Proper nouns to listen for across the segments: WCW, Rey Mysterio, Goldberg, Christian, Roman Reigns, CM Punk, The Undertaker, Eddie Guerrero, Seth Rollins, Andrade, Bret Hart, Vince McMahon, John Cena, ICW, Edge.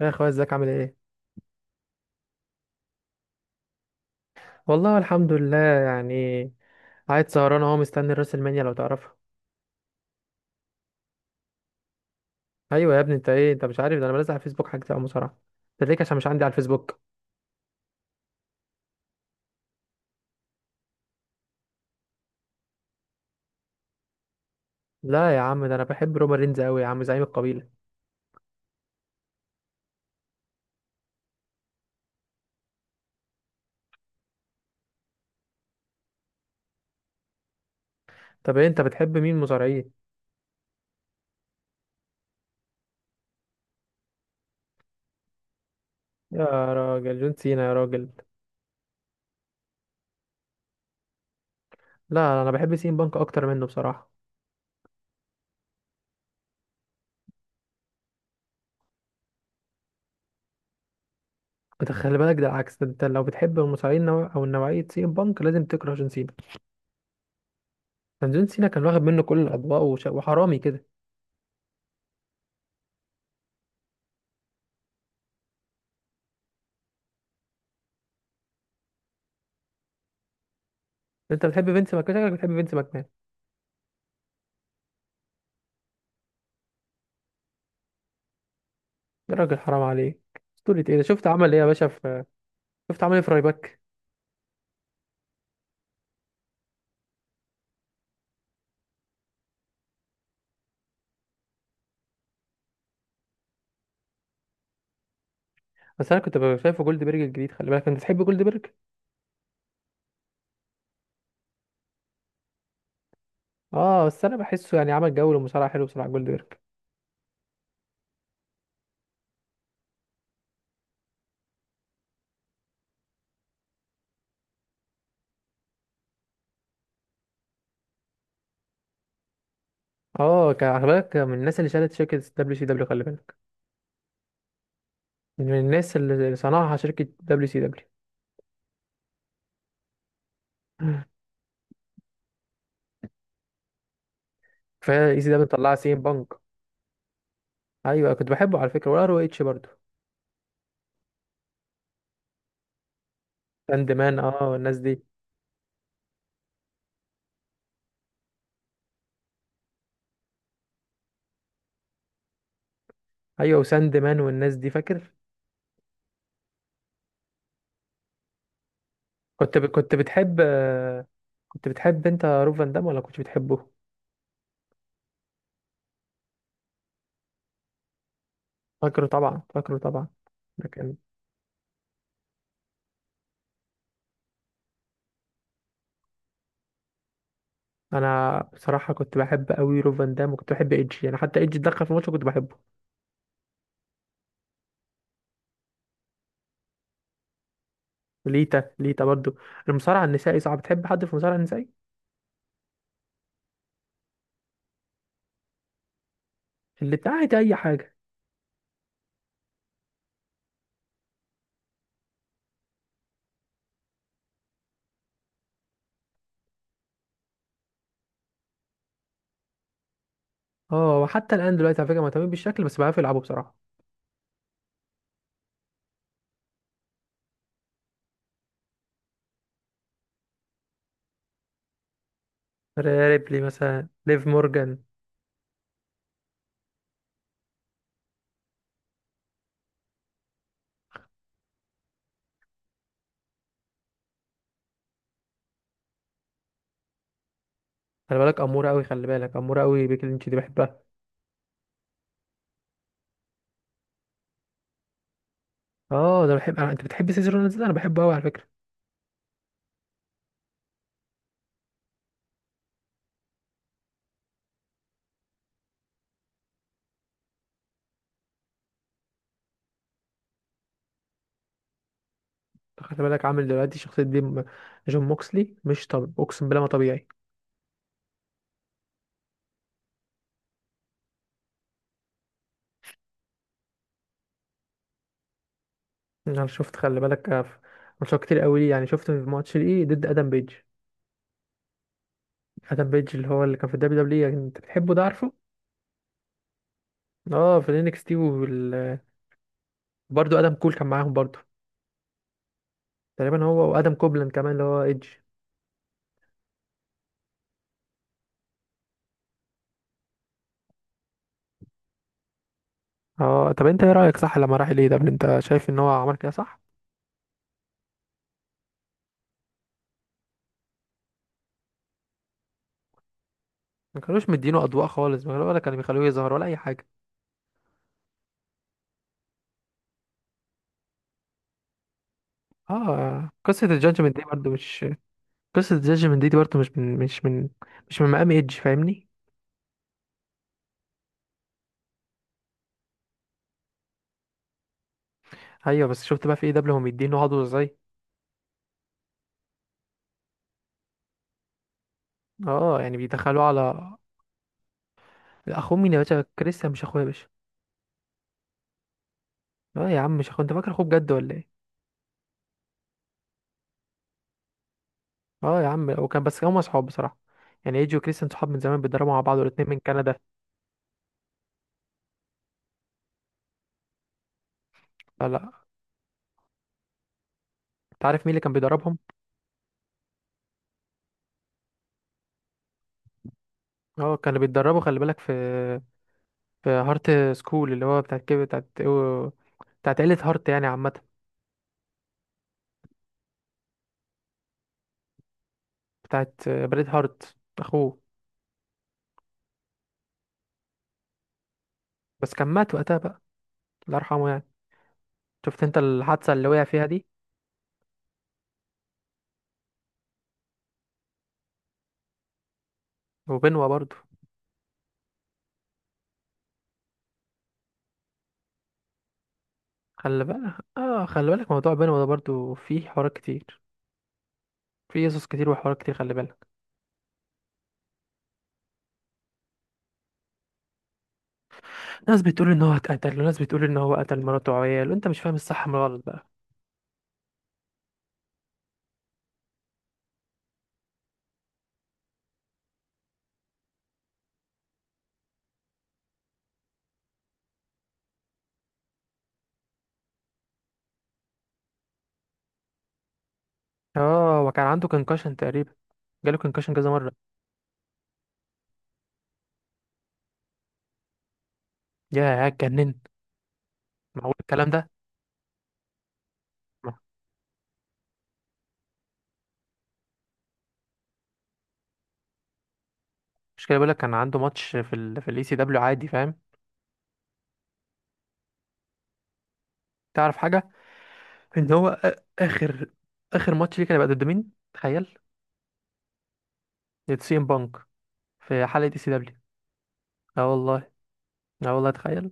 يا اخويا، ازيك؟ عامل ايه؟ والله الحمد لله، يعني قاعد سهران اهو مستني الراس المانيا، لو تعرفها. ايوه يا ابني، انت ايه؟ انت مش عارف؟ ده انا بنزل على الفيسبوك حاجتي او مصارعه. ده ليك عشان مش عندي على الفيسبوك. لا يا عم، ده انا بحب رومان رينز قوي يا عم، زعيم القبيله. طب ايه، انت بتحب مين مصارعين؟ يا راجل، جون سينا يا راجل. لا، انا بحب سين بانك اكتر منه بصراحه. انت خلي بالك، ده العكس، ده انت لو بتحب المصارعين او نوعيه سين بانك لازم تكره جون سينا. كان جون سينا كان واخد منه كل الاضواء وحرامي كده. انت بتحب فينس ماكمان؟ شكلك بتحب فينس ماكمان. يا راجل، حرام عليك. اسطورة ايه؟ ده شفت عمل ايه يا باشا في... شفت عمل ايه في رايباك؟ بس انا كنت ببقى شايفه جولدبرج الجديد، خلي بالك، انت بتحب جولدبرج؟ اه بس انا بحسه يعني عمل جو للمصارعة حلو بصراحة جولدبرج. اه، خلي بالك من الناس اللي شالت شركة دبليو سي دبليو، خلي بالك. من الناس اللي صنعها شركة دبليو سي دبليو. كفاية ايزي دبليو طلعها سي ام بانك. ايوه، كنت بحبه على فكرة، والار او اتش برضه. ساند مان، اه، والناس دي. ايوه، وساند مان والناس دي فاكر؟ كنت ب... كنت بتحب آه، كنت بتحب انت روف فان دام ولا كنت بتحبه؟ فاكره طبعا، فاكره طبعا. لكن انا بصراحه كنت بحب قوي روف فان دام، وكنت بحب ايدج، يعني حتى ايدج اتدخل في الماتش كنت بحبه. ليتا، ليتا برضو. المصارع النسائي صعب تحب حد في المصارع النسائي. اللي بتاعت اي حاجه. اه، وحتى الان دلوقتي على فكره مهتمين بالشكل بس بيعرفوا يلعبوا بصراحه. ريبلي مثلا، ليف مورجان. خلي بالك اموره قوي، خلي بالك اموره قوي، بيكي لينش دي بحبها. اه ده انت بتحب سيزر رونالدز؟ ده انا بحبه قوي على فكره. خلي بالك عامل دلوقتي شخصيه دي جون موكسلي، مش طب اقسم بالله ما طبيعي. انا شفت، خلي بالك، ماتشات كتير قوي ليه، يعني شفت في ماتش ليه ضد ادم بيج. ادم بيج اللي كان في الدبليو دبليو، انت بتحبه ده عارفه؟ اه في الانكس تي، وبرده. ادم كول كان معاهم برضه. تقريبا هو وادم كوبلاند كمان، اللي هو ايدج. اه طب انت ايه رايك؟ صح لما راح ليه، ده انت شايف ان هو عمل كده صح؟ ما كانوش مدينه اضواء خالص، ما كانوا- ولا كانوا بيخلوه يظهر ولا اي حاجه. اه، قصه الجاجمنت دي برضه مش من مقام ايدج، فاهمني؟ ايوه، بس شفت بقى في ايه دبليو هم مدينه عضو ازاي. اه، يعني بيدخلوه على... اخوه مين يا باشا؟ كريستيان مش اخويا يا باشا. اه يا عم، مش اخويا، انت فاكر اخوه بجد ولا ايه؟ اه يا عم وكان، بس هما صحاب بصراحه. يعني ايجي وكريستيان صحاب من زمان، بيتدربوا مع بعض، والاتنين من كندا. لا، لا، انت عارف مين اللي كان بيدربهم؟ اه، كانوا بيتدربوا خلي بالك في هارت سكول، اللي هو بتاعت كده بتاعت بتاعت عيلة هارت يعني، عامة. بتاعت بريد هارت أخوه. بس كان مات وقتها بقى. الله يرحمه يعني. شفت أنت الحادثة اللي وقع فيها دي؟ وبنوة برضه. خلي بالك موضوع بينهم ده برضو فيه حوارات كتير. فيه قصص كتير وحوارات كتير، خلي بالك. ناس بتقول ان هو اتقتل، وناس بتقول ان هو قتل مراته وعياله، انت مش فاهم الصح من الغلط بقى. اه، وكان عنده كونكشن تقريبا، جاله كونكشن كذا مره. يا اتجنن. معقول الكلام ده؟ ما- مش كده، بقول لك كان عنده ماتش في الاي سي دبليو عادي، فاهم؟ تعرف حاجه؟ ان هو اخر ماتش ليه كان هيبقى ضد مين، تخيل. ضد سي ام بانك. في حلقه اي سي دبليو. اه والله. اه والله، تخيل.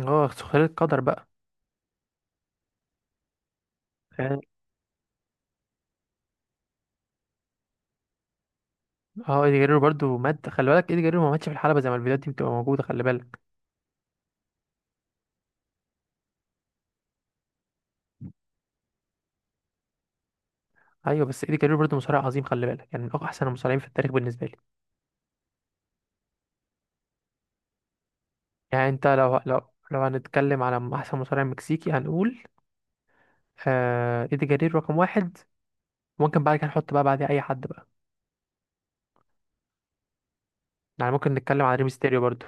اه، سخريه القدر بقى. اه، ايدي جرير برضو مات، خلي بالك، ايدي جرير ما ماتش في الحلبة زي ما الفيديوهات دي بتبقى موجودة، خلي بالك. ايوه، بس ايدي جرير برضو مصارع عظيم، خلي بالك، يعني من احسن المصارعين في التاريخ بالنسبة لي. يعني انت لو هنتكلم على احسن مصارع مكسيكي هنقول ايدي جرير رقم واحد. ممكن بعد كده نحط بقى بعديه اي حد بقى. يعني ممكن نتكلم على ريمستيريو برضو.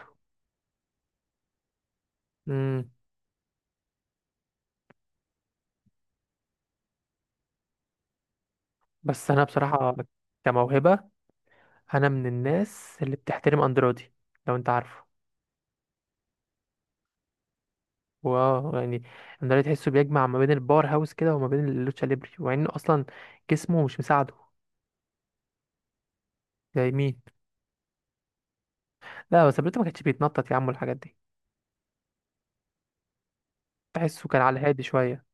امم بس انا بصراحة كموهبة، انا من الناس اللي بتحترم اندرودي، لو انت عارفه. يعني، اندريد تحسه بيجمع ما بين الباور هاوس كده وما بين اللوتشا ليبري، ومع انه اصلا جسمه مش مساعده. زي مين؟ لا، بس بريتو ما كانش بيتنطط يا عم الحاجات دي، تحسه كان على هادي شويه.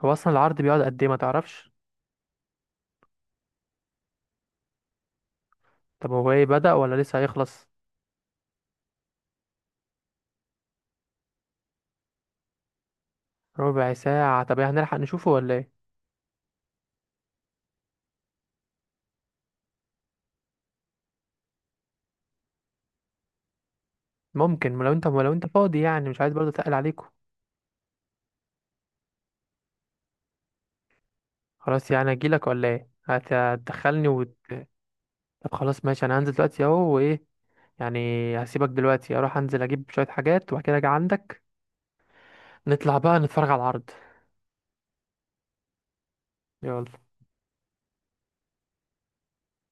هو اصلا العرض بيقعد قد ايه، ما تعرفش؟ طب هو ايه، بدأ ولا لسه هيخلص؟ ربع ساعه؟ طب إيه، هنلحق نشوفه ولا ايه؟ ممكن لو انت فاضي، يعني مش عايز برضه اتقل عليكم. خلاص يعني اجيلك ولا ايه، هتدخلني طب خلاص ماشي، انا هنزل دلوقتي اهو، وايه يعني. هسيبك دلوقتي، اروح انزل اجيب شويه حاجات، وبعد كده اجي عندك. نطلع بقى نتفرج على العرض. يلا.